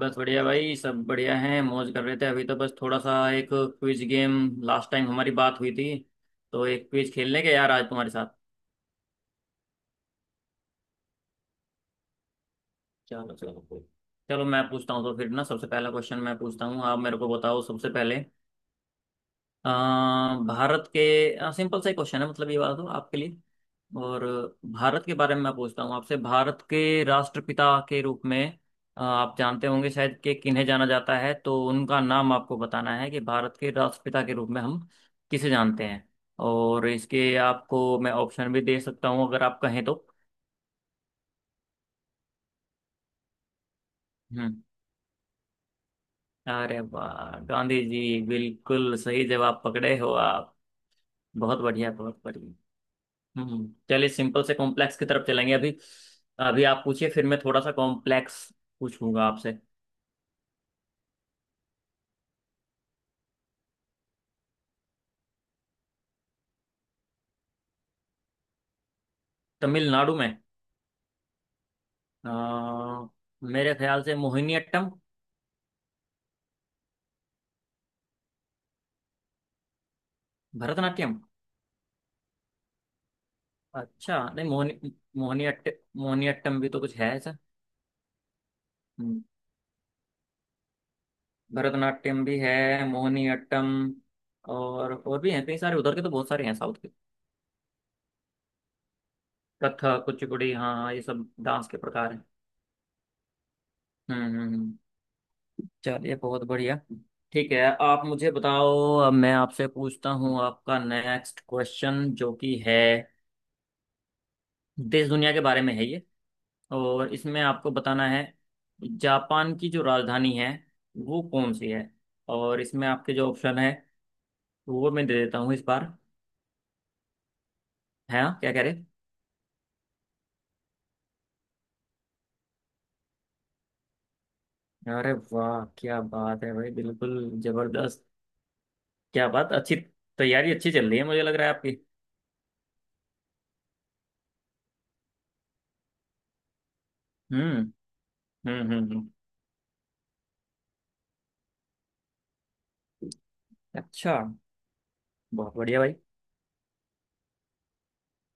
बस बढ़िया भाई। सब बढ़िया हैं, मौज कर रहे थे। अभी तो बस थोड़ा सा एक क्विज गेम, लास्ट टाइम हमारी बात हुई थी, तो एक क्विज खेलने के यार आज तुम्हारे साथ। चलो चलो चलो, मैं पूछता हूँ तो फिर ना। सबसे पहला क्वेश्चन मैं पूछता हूँ, आप मेरे को बताओ सबसे पहले। अ, भारत के, सिंपल सा ही क्वेश्चन है मतलब ये वाला तो आपके लिए। और भारत के बारे में मैं पूछता हूँ आपसे। भारत के राष्ट्रपिता के रूप में आप जानते होंगे शायद कि किन्हें जाना जाता है, तो उनका नाम आपको बताना है कि भारत के राष्ट्रपिता के रूप में हम किसे जानते हैं। और इसके आपको मैं ऑप्शन भी दे सकता हूँ अगर आप कहें तो। हम्म। अरे वाह, गांधी जी! बिल्कुल सही जवाब पकड़े हो आप। बहुत बढ़िया, बहुत बढ़िया। हम्म, चलिए सिंपल से कॉम्प्लेक्स की तरफ चलेंगे अभी। अभी आप पूछिए, फिर मैं थोड़ा सा कॉम्प्लेक्स पूछूंगा आपसे। तमिलनाडु में अ, मेरे ख्याल से मोहिनीअट्टम। भरतनाट्यम? अच्छा, नहीं, मोहिनीअट्ट मोहिनीअट्टम भी तो कुछ है ऐसा। हम्म, भरतनाट्यम भी है, मोहिनीअट्टम और भी हैं कई सारे, उधर के तो बहुत सारे हैं साउथ के। कथक कुचिपुड़ी, हाँ हाँ, ये सब डांस के प्रकार हैं। हम्म हम्म हम्म। चलिए, बहुत बढ़िया। ठीक है, आप मुझे बताओ। अब मैं आपसे पूछता हूँ आपका नेक्स्ट क्वेश्चन, जो कि है देश दुनिया के बारे में है ये। और इसमें आपको बताना है, जापान की जो राजधानी है वो कौन सी है। और इसमें आपके जो ऑप्शन है वो मैं दे देता हूँ इस बार। है ना, क्या कह रहे। अरे वाह, क्या बात है भाई, बिल्कुल जबरदस्त! क्या बात, अच्छी तैयारी अच्छी चल रही है मुझे लग रहा है आपकी। हम्म हम्म हम्म हम्म। अच्छा, बहुत बढ़िया भाई।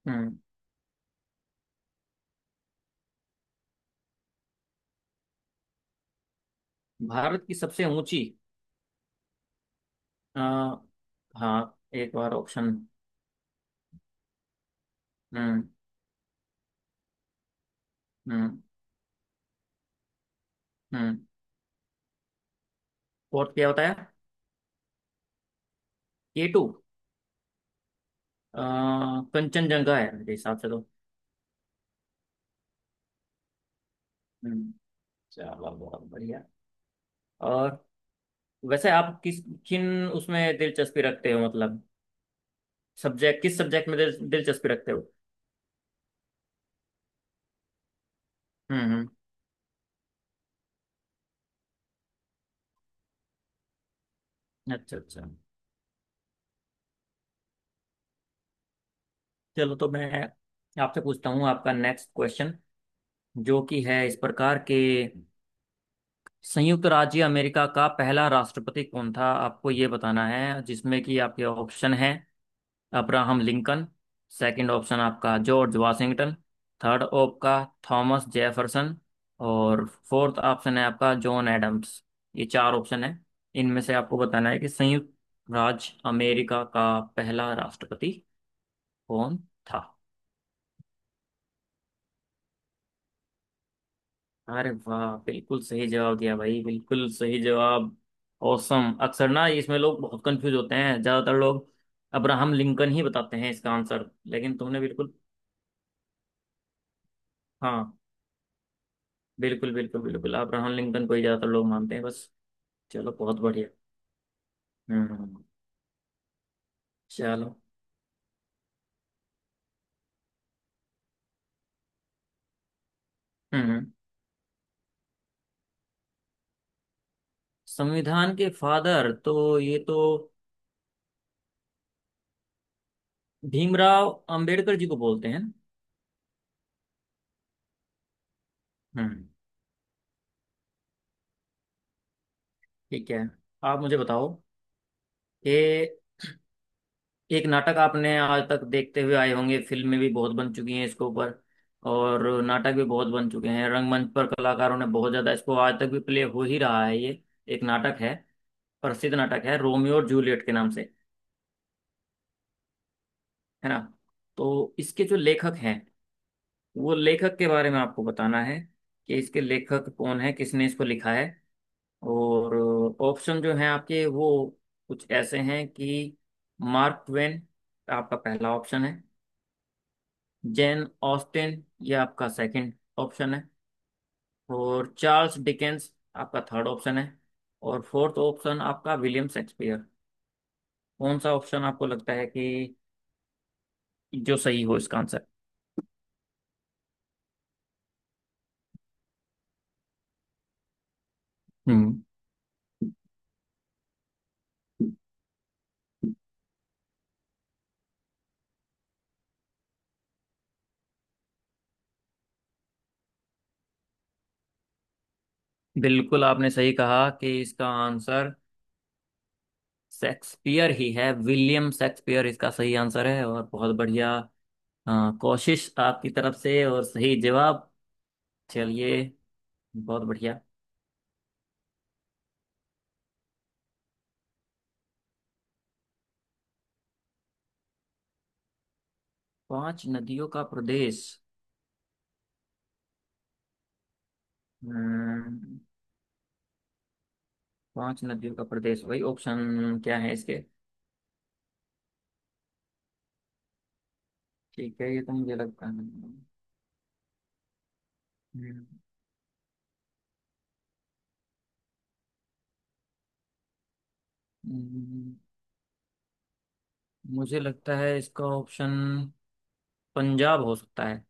हम्म। भारत की सबसे ऊंची, अ, हाँ एक बार ऑप्शन। हम्म हम्म हम्म। और क्या बताया? के टू। कंचनजंगा है मेरे हिसाब से तो। हम्म, चलो बहुत बढ़िया। और वैसे आप किस किन उसमें दिलचस्पी रखते हो मतलब, सब्जेक्ट? किस सब्जेक्ट में दिलचस्पी रखते हो? हम्म। अच्छा अच्छा। चलो तो मैं आपसे पूछता हूँ आपका नेक्स्ट क्वेश्चन, जो कि है इस प्रकार के: संयुक्त राज्य अमेरिका का पहला राष्ट्रपति कौन था, आपको ये बताना है, जिसमें कि आपके ऑप्शन है— अब्राहम लिंकन, सेकंड ऑप्शन आपका जॉर्ज वाशिंगटन, थर्ड आपका थॉमस जेफरसन, और फोर्थ ऑप्शन है आपका जॉन एडम्स। ये चार ऑप्शन है, इनमें से आपको बताना है कि संयुक्त राज्य अमेरिका का पहला राष्ट्रपति कौन था। अरे वाह, बिल्कुल सही जवाब दिया भाई, बिल्कुल सही जवाब! औसम। अक्सर ना इसमें लोग बहुत कंफ्यूज होते हैं, ज्यादातर लोग अब्राहम लिंकन ही बताते हैं इसका आंसर, लेकिन तुमने बिल्कुल। हाँ, बिल्कुल बिल्कुल बिल्कुल अब्राहम लिंकन को ही ज्यादातर लोग मानते हैं बस। चलो बहुत बढ़िया। हम्म। चलो। हम्म। संविधान के फादर तो ये तो भीमराव अंबेडकर जी को बोलते हैं ना? हम्म। ठीक है, आप मुझे बताओ कि एक नाटक आपने आज तक देखते हुए आए होंगे, फिल्में भी बहुत बन चुकी हैं इसके ऊपर, और नाटक भी बहुत बन चुके हैं, रंगमंच पर कलाकारों ने बहुत ज्यादा इसको, आज तक भी प्ले हो ही रहा है ये। एक नाटक है, प्रसिद्ध नाटक है, रोमियो और जूलियट के नाम से। है ना। तो इसके जो लेखक हैं, वो लेखक के बारे में आपको बताना है कि इसके लेखक कौन है, किसने इसको लिखा है। और ऑप्शन जो हैं आपके वो कुछ ऐसे हैं कि— मार्क ट्वेन आपका पहला ऑप्शन है, जेन ऑस्टिन ये आपका सेकंड ऑप्शन है, और चार्ल्स डिकेंस आपका थर्ड ऑप्शन है, और फोर्थ ऑप्शन आपका विलियम शेक्सपियर। कौन सा ऑप्शन आपको लगता है कि जो सही हो इसका आंसर? हम्म। बिल्कुल, आपने सही कहा कि इसका आंसर शेक्सपियर ही है, विलियम शेक्सपियर इसका सही आंसर है। और बहुत बढ़िया कोशिश आपकी तरफ से और सही जवाब। चलिए, बहुत बढ़िया। पांच नदियों का प्रदेश। हम्म, पांच नदियों का प्रदेश भाई, ऑप्शन क्या है इसके? ठीक है, ये तो मुझे लगता है। हम्म, हम्म, मुझे लगता है इसका ऑप्शन पंजाब हो सकता है।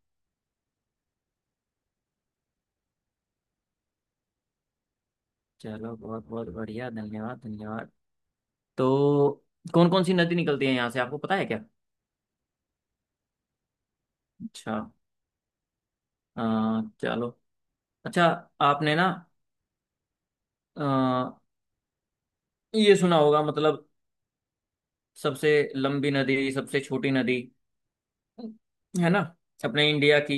चलो, बहुत बहुत बढ़िया। धन्यवाद धन्यवाद। तो कौन कौन सी नदी निकलती है यहाँ से, आपको पता है क्या? अच्छा। चलो अच्छा, आपने ना अ, ये सुना होगा, मतलब, सबसे लंबी नदी, सबसे छोटी नदी, है ना, अपने इंडिया की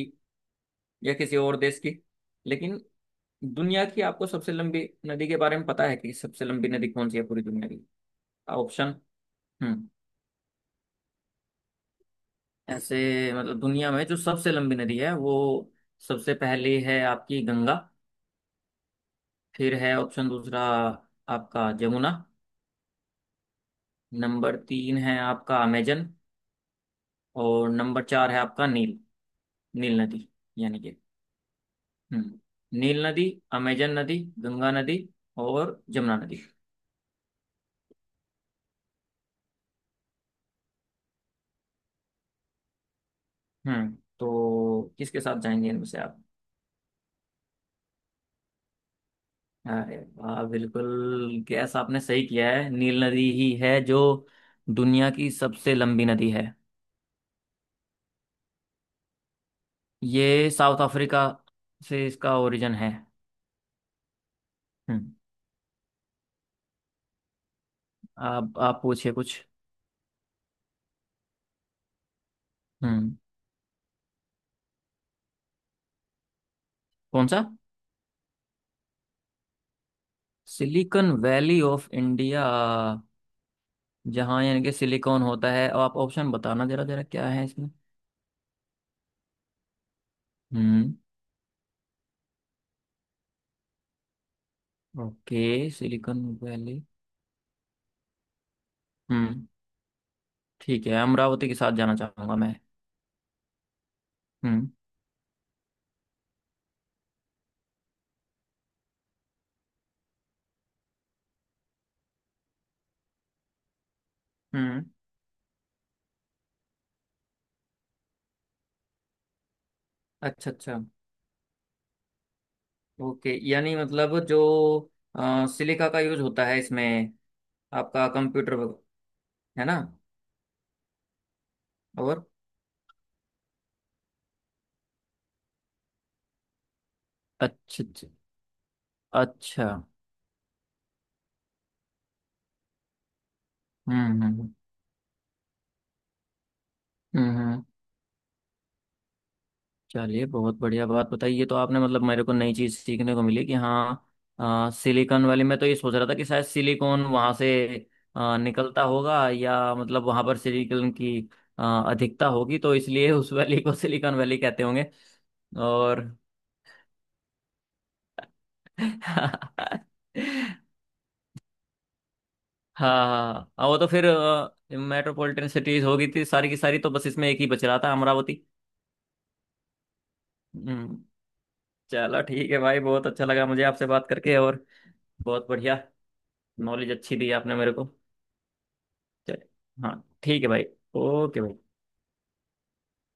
या किसी और देश की। लेकिन दुनिया की, आपको सबसे लंबी नदी के बारे में पता है कि सबसे लंबी नदी कौन सी है पूरी दुनिया की? ऑप्शन। हम्म। ऐसे मतलब, दुनिया में जो सबसे लंबी नदी है वो। सबसे पहली है आपकी गंगा। फिर है ऑप्शन दूसरा आपका जमुना। नंबर तीन है आपका अमेजन। और नंबर चार है आपका नील, नील नदी। यानी कि, हम्म, नील नदी, अमेजन नदी, गंगा नदी, और जमुना नदी। हम्म। तो किसके साथ जाएंगे इनमें से आप? अरे वाह, बिल्कुल गैस आपने सही किया है। नील नदी ही है जो दुनिया की सबसे लंबी नदी है। ये साउथ अफ्रीका से इसका ओरिजिन है। हम्म। आप पूछिए कुछ। हम्म, कौन सा? सिलिकॉन वैली ऑफ इंडिया, जहाँ यानी कि सिलिकॉन होता है। अब आप ऑप्शन बताना जरा जरा क्या है इसमें। हम्म। Okay, Silicon Valley. हम्म, ठीक है, अमरावती के साथ जाना चाहूंगा मैं। हम्म हम्म। अच्छा अच्छा, ओके। यानी मतलब जो सिलिका का यूज होता है इसमें, आपका कंप्यूटर है ना। और अच्छा अच्छा अच्छा। हम्म हम्म हम्म। चलिए, बहुत बढ़िया बात बताई ये तो आपने, मतलब मेरे को नई चीज़ सीखने को मिली कि हाँ। सिलिकॉन वाली, मैं तो ये सोच रहा था कि शायद सिलिकॉन वहाँ से निकलता होगा, या मतलब वहाँ पर सिलिकॉन की अधिकता होगी तो इसलिए उस वैली को सिलिकॉन वैली कहते होंगे। और हाँ हाँ हाँ, हाँ, वो तो फिर मेट्रोपॉलिटन सिटीज हो गई थी सारी की सारी, तो बस इसमें एक ही बच रहा था अमरावती। हम्म। चलो ठीक है भाई, बहुत अच्छा लगा मुझे आपसे बात करके। और बहुत बढ़िया, नॉलेज अच्छी दी आपने मेरे को। चलिए। हाँ। ठीक है भाई। ओके।